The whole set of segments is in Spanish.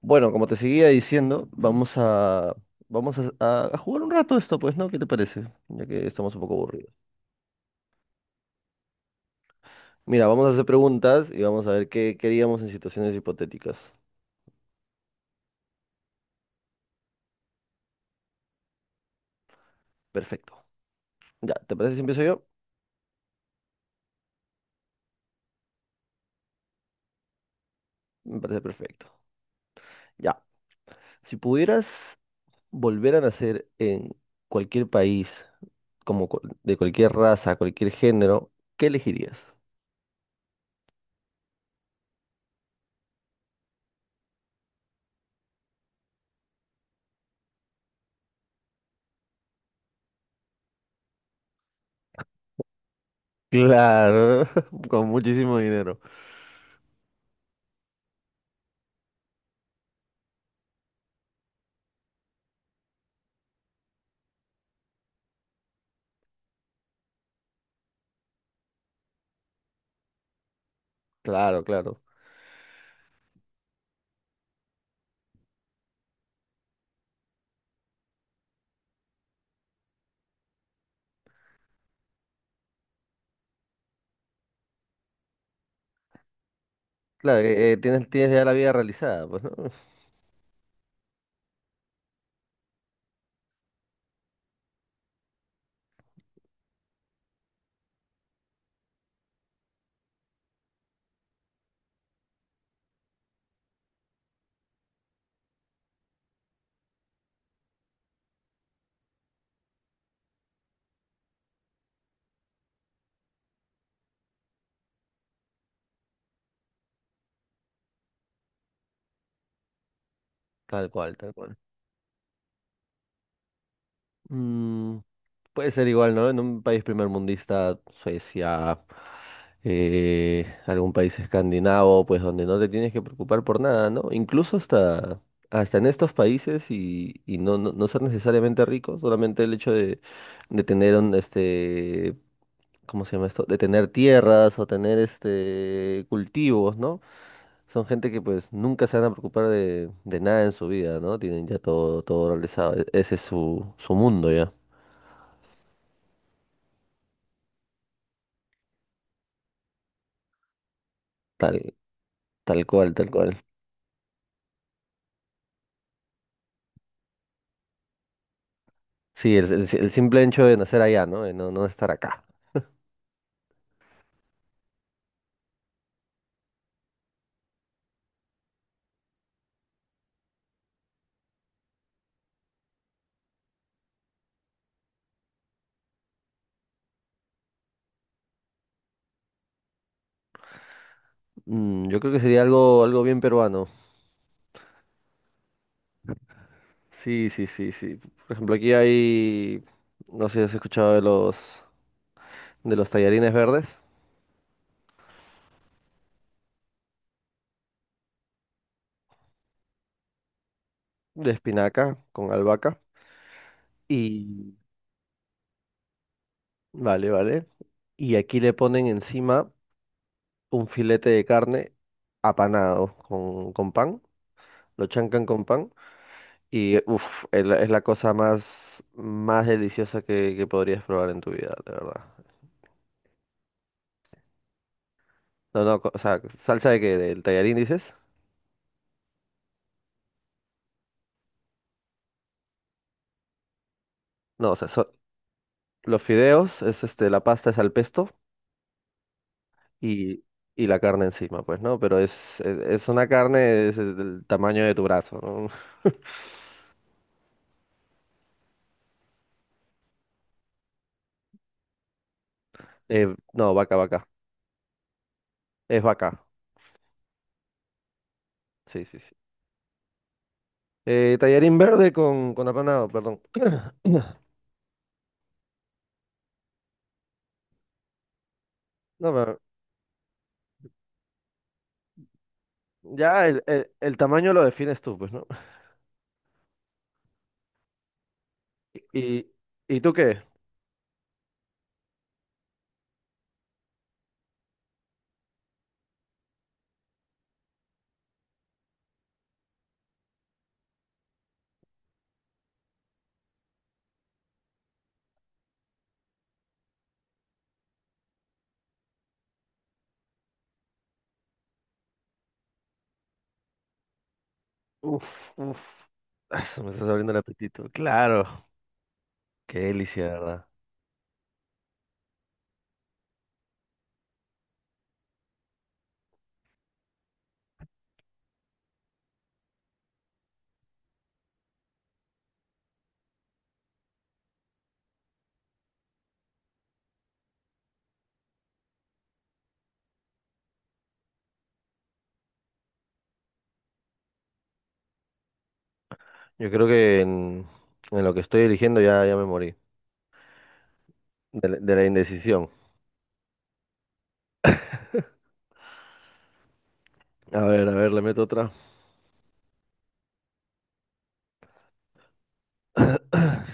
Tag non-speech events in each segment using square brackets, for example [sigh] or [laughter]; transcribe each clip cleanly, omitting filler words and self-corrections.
Bueno, como te seguía diciendo, vamos a jugar un rato esto, pues, ¿no? ¿Qué te parece? Ya que estamos un poco aburridos. Mira, vamos a hacer preguntas y vamos a ver qué queríamos en situaciones hipotéticas. Perfecto. Ya, ¿te parece si empiezo yo? Me parece perfecto. Ya, si pudieras volver a nacer en cualquier país, de cualquier raza, cualquier género, ¿qué elegirías? Claro, [laughs] con muchísimo dinero. Claro, claro. Claro, tienes ya la vida realizada, pues, ¿no? Tal cual, tal cual. Mm, Puede ser igual, ¿no? En un país primermundista, Suecia, algún país escandinavo, pues donde no te tienes que preocupar por nada, ¿no? Incluso hasta en estos países y no ser necesariamente rico, solamente el hecho de tener un, ¿cómo se llama esto? De tener tierras o tener cultivos, ¿no? Son gente que pues nunca se van a preocupar de nada en su vida, ¿no? Tienen ya todo realizado. Ese es su mundo ya. Tal, tal cual, tal cual. Sí, el simple hecho de nacer allá, ¿no? De no estar acá. Yo creo que sería algo bien peruano. Sí, sí, sí, sí. Por ejemplo, aquí hay, no sé si has escuchado de los tallarines verdes, de espinaca con albahaca. Y, vale, vale. Y aquí le ponen encima un filete de carne apanado con pan, lo chancan con pan y uff, es la cosa más deliciosa que podrías probar en tu vida, de verdad. No, no, o sea, ¿salsa de qué? ¿Del tallarín dices? No, o sea, los fideos, la pasta es al pesto y, y la carne encima, pues, ¿no? Pero es una carne es del tamaño de tu brazo, ¿no? [laughs] Eh, no, vaca, vaca. Es vaca. Sí, sí, sí. Tallarín verde con apanado, perdón. [clears throat] No, pero, ya el tamaño lo defines tú, pues, ¿no? [laughs] ¿Y, y tú qué? Uf, uf. Ah, se me está abriendo el apetito. Claro, qué delicia, de ¿verdad? Yo creo que en lo que estoy eligiendo ya me morí de la indecisión. A ver, le meto otra.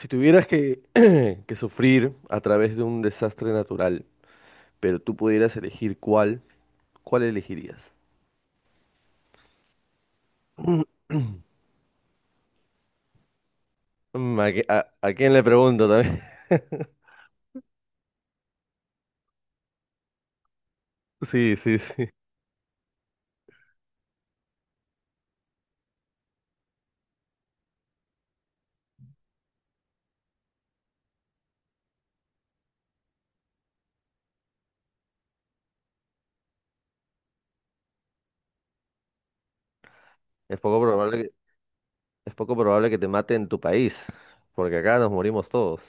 Si tuvieras que, [clears throat] que sufrir a través de un desastre natural, pero tú pudieras elegir cuál, ¿cuál elegirías? [clears throat] ¿A quién le pregunto también? [laughs] Sí, sí, sí. Es poco probable es poco probable que te mate en tu país, porque acá nos morimos todos.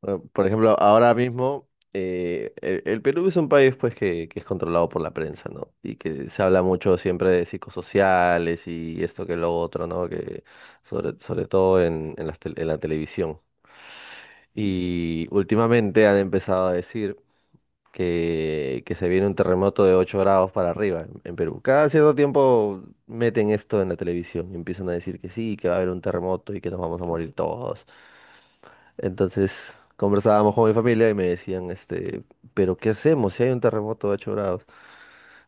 Bueno, por ejemplo, ahora mismo el Perú es un país pues que es controlado por la prensa, ¿no? Y que se habla mucho siempre de psicosociales y esto que lo otro, ¿no? Que sobre todo en la televisión. Y últimamente han empezado a decir que se viene un terremoto de 8 grados para arriba en Perú. Cada cierto tiempo meten esto en la televisión y empiezan a decir que sí, que va a haber un terremoto y que nos vamos a morir todos. Entonces conversábamos con mi familia y me decían, pero ¿qué hacemos si hay un terremoto de 8 grados?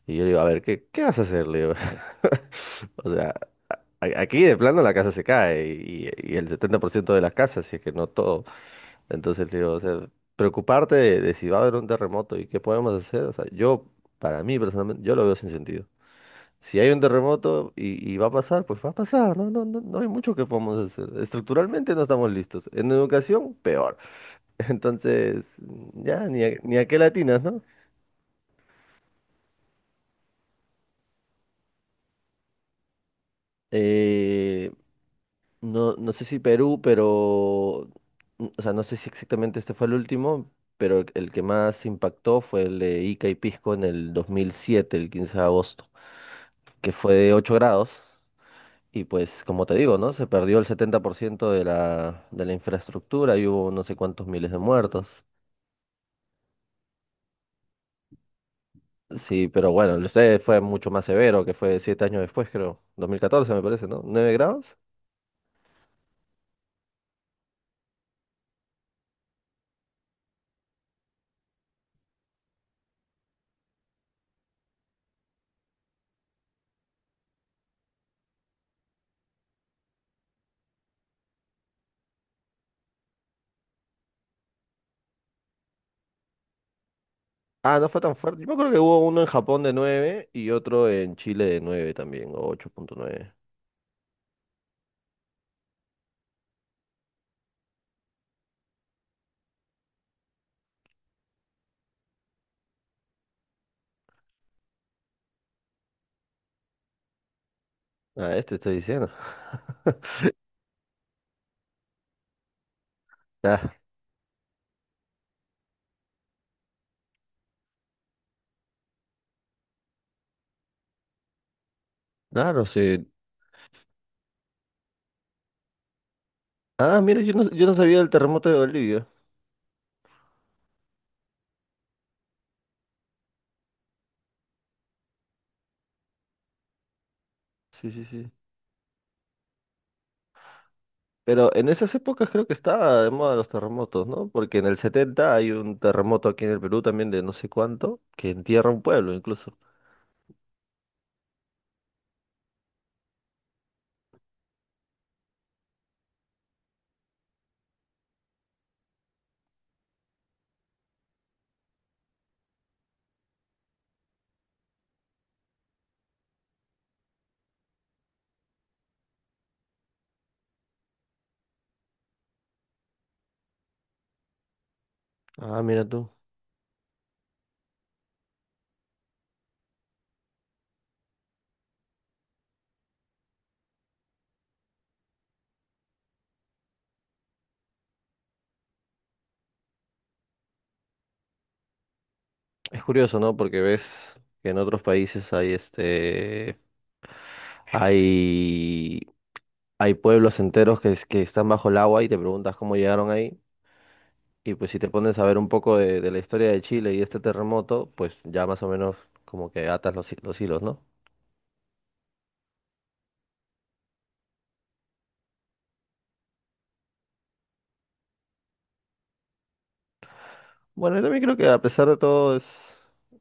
Y yo le digo, a ver, ¿qué vas a hacer? Le digo, [laughs] o sea, aquí de plano la casa se cae y el 70% de las casas, si es que no todo. Entonces le digo, o sea, preocuparte de si va a haber un terremoto y qué podemos hacer, o sea, para mí personalmente, yo lo veo sin sentido. Si hay un terremoto y va a pasar, pues va a pasar, no hay mucho que podamos hacer. Estructuralmente no estamos listos. En educación, peor. [laughs] Entonces, ya, ni a qué latinas, ¿no? Eh, no, no sé si Perú, pero, o sea, no sé si exactamente este fue el último, pero el que más impactó fue el de Ica y Pisco en el 2007, el 15 de agosto. Que fue de 8 grados. Y pues, como te digo, ¿no? Se perdió el 70% de la infraestructura y hubo no sé cuántos miles de muertos. Sí, pero bueno, el sé fue mucho más severo, que fue 7 años después, creo. 2014 me parece, ¿no? ¿9 grados? Ah, no fue tan fuerte. Yo creo que hubo uno en Japón de nueve y otro en Chile de 9 también, o ocho punto nueve. Ah, este estoy diciendo. [laughs] Ah, claro, sí. Ah, mira, yo no sabía del terremoto de Bolivia. Sí, sí, sí. Pero en esas épocas creo que estaba de moda los terremotos, ¿no? Porque en el 70 hay un terremoto aquí en el Perú también de no sé cuánto, que entierra un pueblo incluso. Ah, mira tú. Es curioso, ¿no? Porque ves que en otros países hay este hay hay pueblos enteros que están bajo el agua y te preguntas cómo llegaron ahí. Y pues si te pones a ver un poco de la historia de Chile y este terremoto, pues ya más o menos como que atas los hilos, ¿no? Bueno, yo también creo que a pesar de todo es,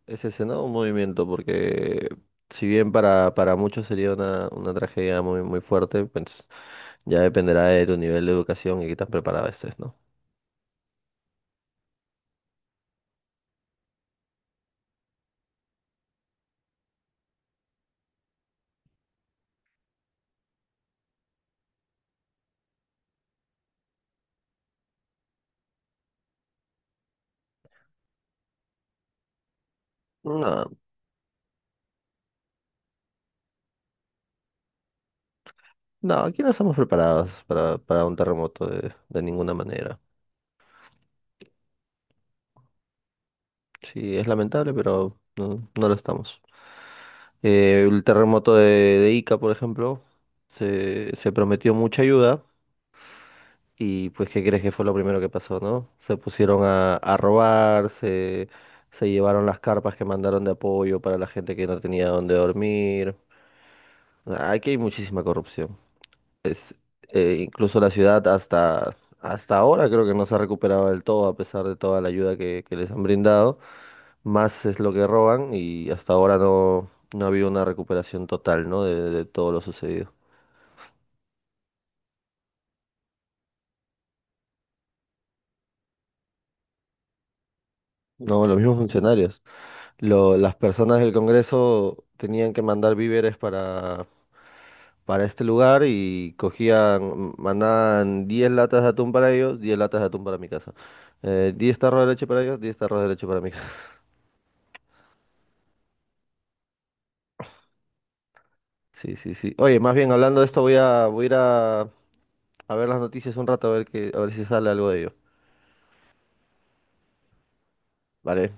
es ese, ¿no? Un movimiento, porque si bien para muchos sería una tragedia muy, muy fuerte, pues ya dependerá de tu nivel de educación y qué tan preparado estés, ¿no? No, no, aquí no estamos preparados para un terremoto de ninguna manera. Sí, es lamentable, pero no lo estamos. El terremoto de Ica, por ejemplo, se prometió mucha ayuda. Y pues, ¿qué crees que fue lo primero que pasó, no? Se pusieron a robar, se llevaron las carpas que mandaron de apoyo para la gente que no tenía dónde dormir. O sea, aquí hay muchísima corrupción. Incluso la ciudad hasta ahora creo que no se ha recuperado del todo a pesar de toda la ayuda que les han brindado. Más es lo que roban y hasta ahora no ha habido una recuperación total, ¿no? De todo lo sucedido. No, los mismos funcionarios. Las personas del Congreso tenían que mandar víveres para este lugar y cogían, mandaban 10 latas de atún para ellos, 10 latas de atún para mi casa. 10 tarros de leche para ellos, 10 tarros de leche para mi casa. [laughs] Sí, sí, sí. Oye, más bien hablando de esto, voy a ir a ver las noticias un rato, a ver si sale algo de ello. Vale.